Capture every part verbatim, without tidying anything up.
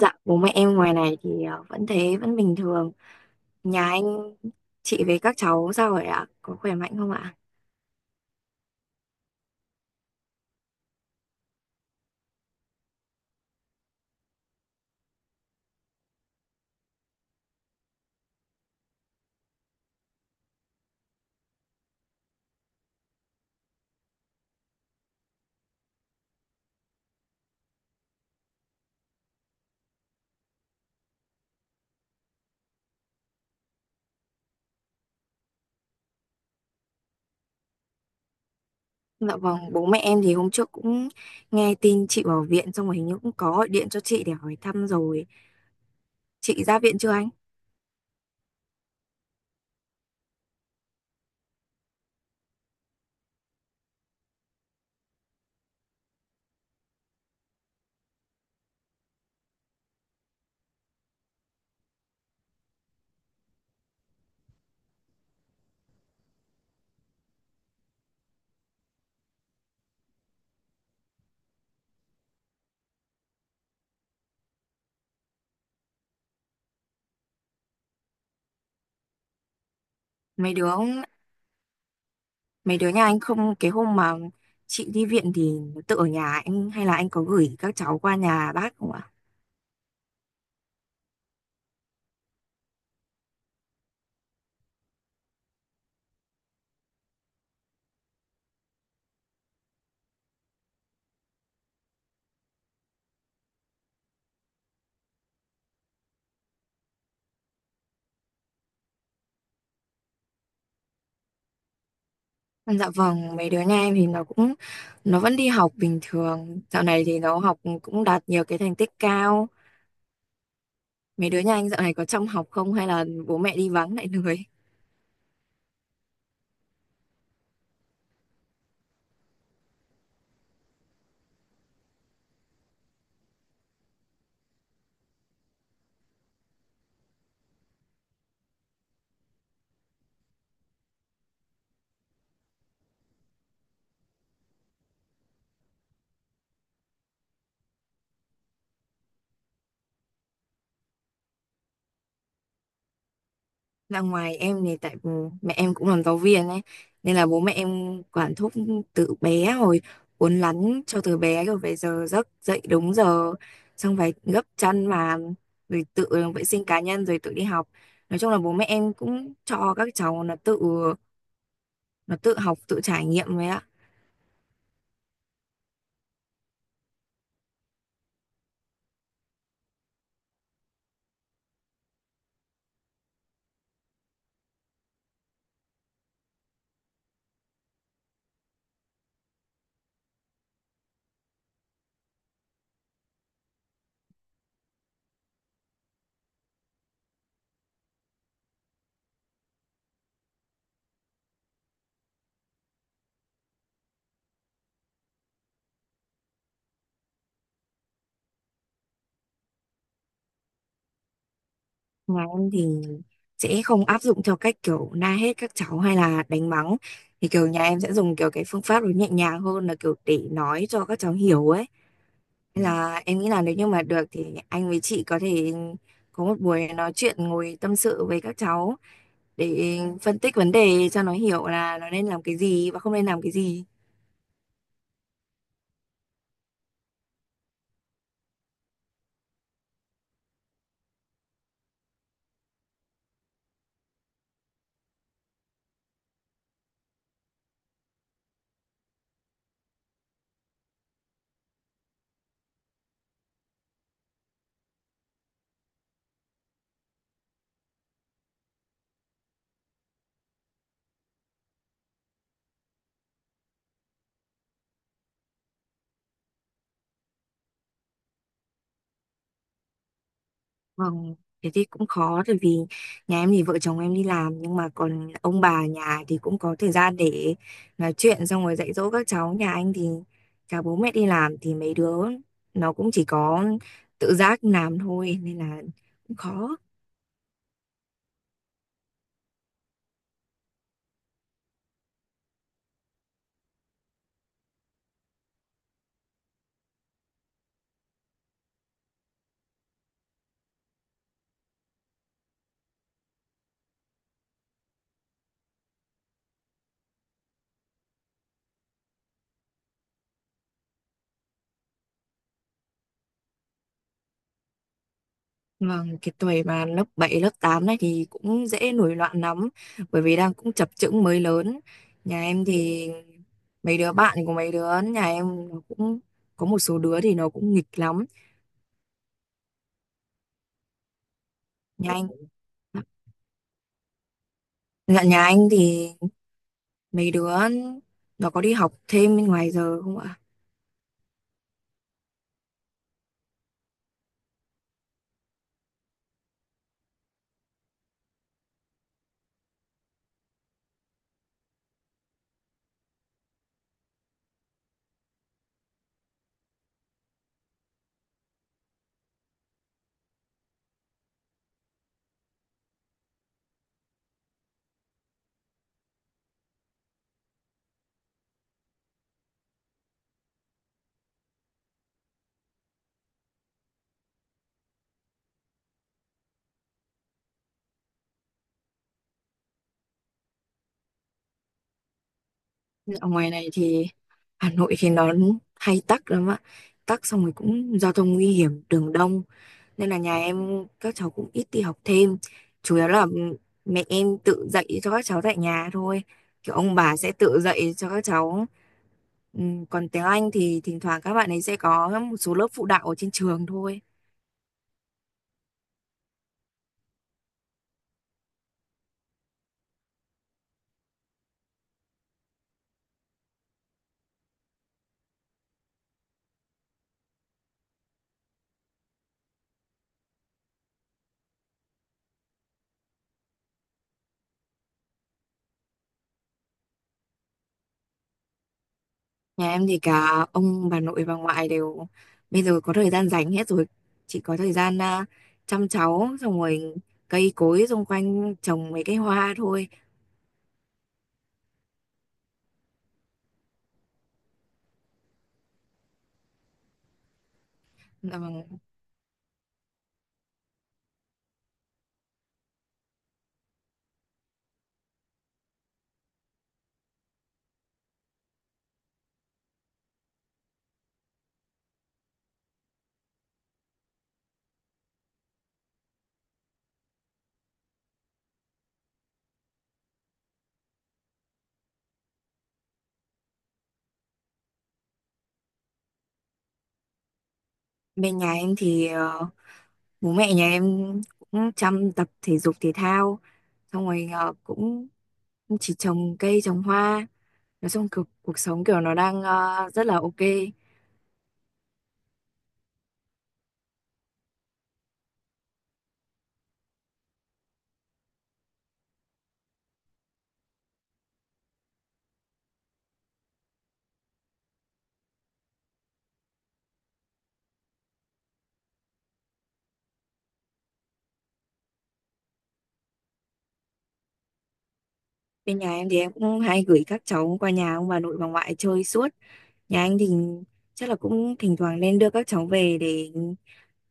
Dạ, bố mẹ em ngoài này thì ờ, vẫn thế, vẫn bình thường. Nhà anh, chị với các cháu sao rồi ạ? Có khỏe mạnh không ạ? Dạ vâng, bố mẹ em thì hôm trước cũng nghe tin chị vào viện xong rồi hình như cũng có gọi điện cho chị để hỏi thăm rồi. Chị ra viện chưa anh? Mấy đứa, mấy đứa nhà anh, không, cái hôm mà chị đi viện thì nó tự ở nhà anh hay là anh có gửi các cháu qua nhà bác không ạ? Dạ vâng, mấy đứa nhà em thì nó cũng, nó vẫn đi học bình thường. Dạo này thì nó học cũng đạt nhiều cái thành tích cao. Mấy đứa nhà anh dạo này có trong học không hay là bố mẹ đi vắng lại lười? Ra ngoài em thì tại ừ, mẹ em cũng làm giáo viên ấy, nên là bố mẹ em quản thúc từ bé rồi, uốn nắn cho từ bé rồi về giờ giấc, dậy đúng giờ, xong phải gấp chăn mà rồi tự vệ sinh cá nhân rồi tự đi học. Nói chung là bố mẹ em cũng cho các cháu nó tự nó tự học, tự trải nghiệm ấy ạ. Nhà em thì sẽ không áp dụng theo cách kiểu la hét các cháu hay là đánh mắng, thì kiểu nhà em sẽ dùng kiểu cái phương pháp nó nhẹ nhàng hơn, là kiểu để nói cho các cháu hiểu ấy, nên là em nghĩ là nếu như mà được thì anh với chị có thể có một buổi nói chuyện, ngồi tâm sự với các cháu để phân tích vấn đề cho nó hiểu là nó nên làm cái gì và không nên làm cái gì. Vâng, thế thì cũng khó, bởi vì nhà em thì vợ chồng em đi làm nhưng mà còn ông bà nhà thì cũng có thời gian để nói chuyện xong rồi dạy dỗ các cháu. Nhà anh thì cả bố mẹ đi làm thì mấy đứa nó cũng chỉ có tự giác làm thôi, nên là cũng khó. Vâng, cái tuổi mà lớp bảy lớp tám này thì cũng dễ nổi loạn lắm, bởi vì đang cũng chập chững mới lớn. Nhà em thì mấy đứa bạn của mấy đứa nhà em nó cũng có một số đứa thì nó cũng nghịch lắm. Nhà anh Dạ, nhà anh thì mấy đứa nó có đi học thêm bên ngoài giờ không ạ? Ở ngoài này thì Hà Nội thì nó hay tắc lắm ạ. Tắc xong rồi cũng giao thông nguy hiểm, đường đông. Nên là nhà em các cháu cũng ít đi học thêm. Chủ yếu là mẹ em tự dạy cho các cháu tại nhà thôi. Kiểu ông bà sẽ tự dạy cho các cháu. Ừm, Còn tiếng Anh thì thỉnh thoảng các bạn ấy sẽ có một số lớp phụ đạo ở trên trường thôi. Nhà em thì cả ông, bà nội, bà ngoại đều bây giờ có thời gian rảnh hết rồi. Chỉ có thời gian, à, chăm cháu, xong rồi cây cối xung quanh trồng mấy cái hoa thôi. Dạ vâng. Bên nhà em thì ờ, bố mẹ nhà em cũng chăm tập thể dục thể thao, xong rồi ờ, cũng chỉ trồng cây, trồng hoa. Nói chung cuộc, cuộc sống kiểu nó đang ờ, rất là ok. Bên nhà em thì em cũng hay gửi các cháu qua nhà ông bà nội, bà ngoại chơi suốt. Nhà anh thì chắc là cũng thỉnh thoảng nên đưa các cháu về để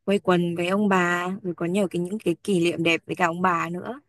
quây quần với ông bà, rồi có nhiều cái, những cái kỷ niệm đẹp với cả ông bà nữa.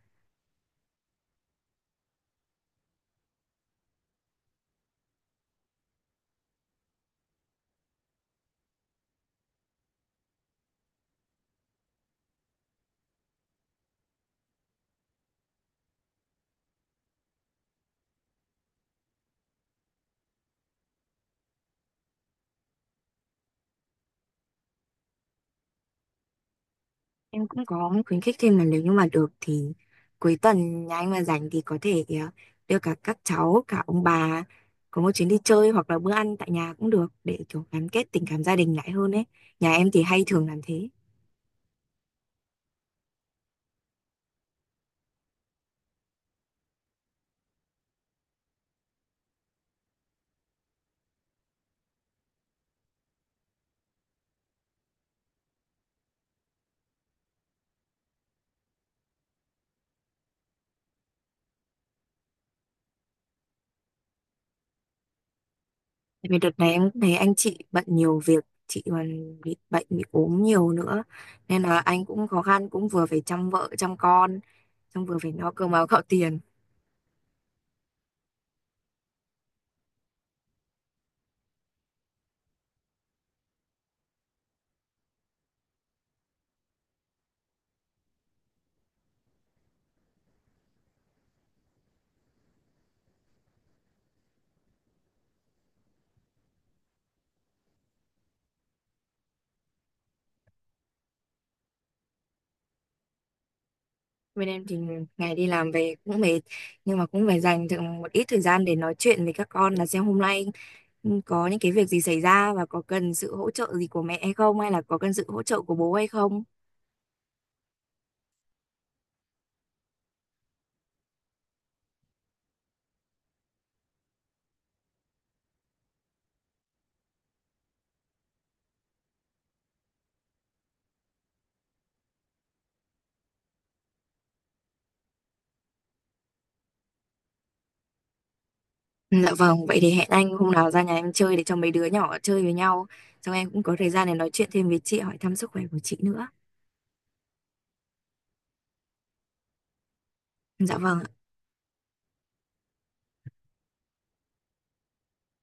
Em cũng có khuyến khích thêm là nếu như mà được thì cuối tuần nhà anh mà rảnh thì có thể ờ, đưa cả các cháu, cả ông bà có một chuyến đi chơi hoặc là bữa ăn tại nhà cũng được, để kiểu gắn kết tình cảm gia đình lại hơn ấy. Nhà em thì hay thường làm thế. Tại vì đợt này em cũng thấy anh chị bận nhiều việc, chị còn bị bệnh, bị ốm nhiều nữa. Nên là anh cũng khó khăn, cũng vừa phải chăm vợ, chăm con, xong vừa phải lo cơm áo gạo tiền. Bên em thì ngày đi làm về cũng mệt, nhưng mà cũng phải dành được một ít thời gian để nói chuyện với các con là xem hôm nay có những cái việc gì xảy ra và có cần sự hỗ trợ gì của mẹ hay không, hay là có cần sự hỗ trợ của bố hay không. Ừ, dạ vâng, vậy thì hẹn anh hôm nào ra nhà em chơi để cho mấy đứa nhỏ chơi với nhau. Xong em cũng có thời gian để nói chuyện thêm với chị, hỏi thăm sức khỏe của chị nữa. Dạ vâng.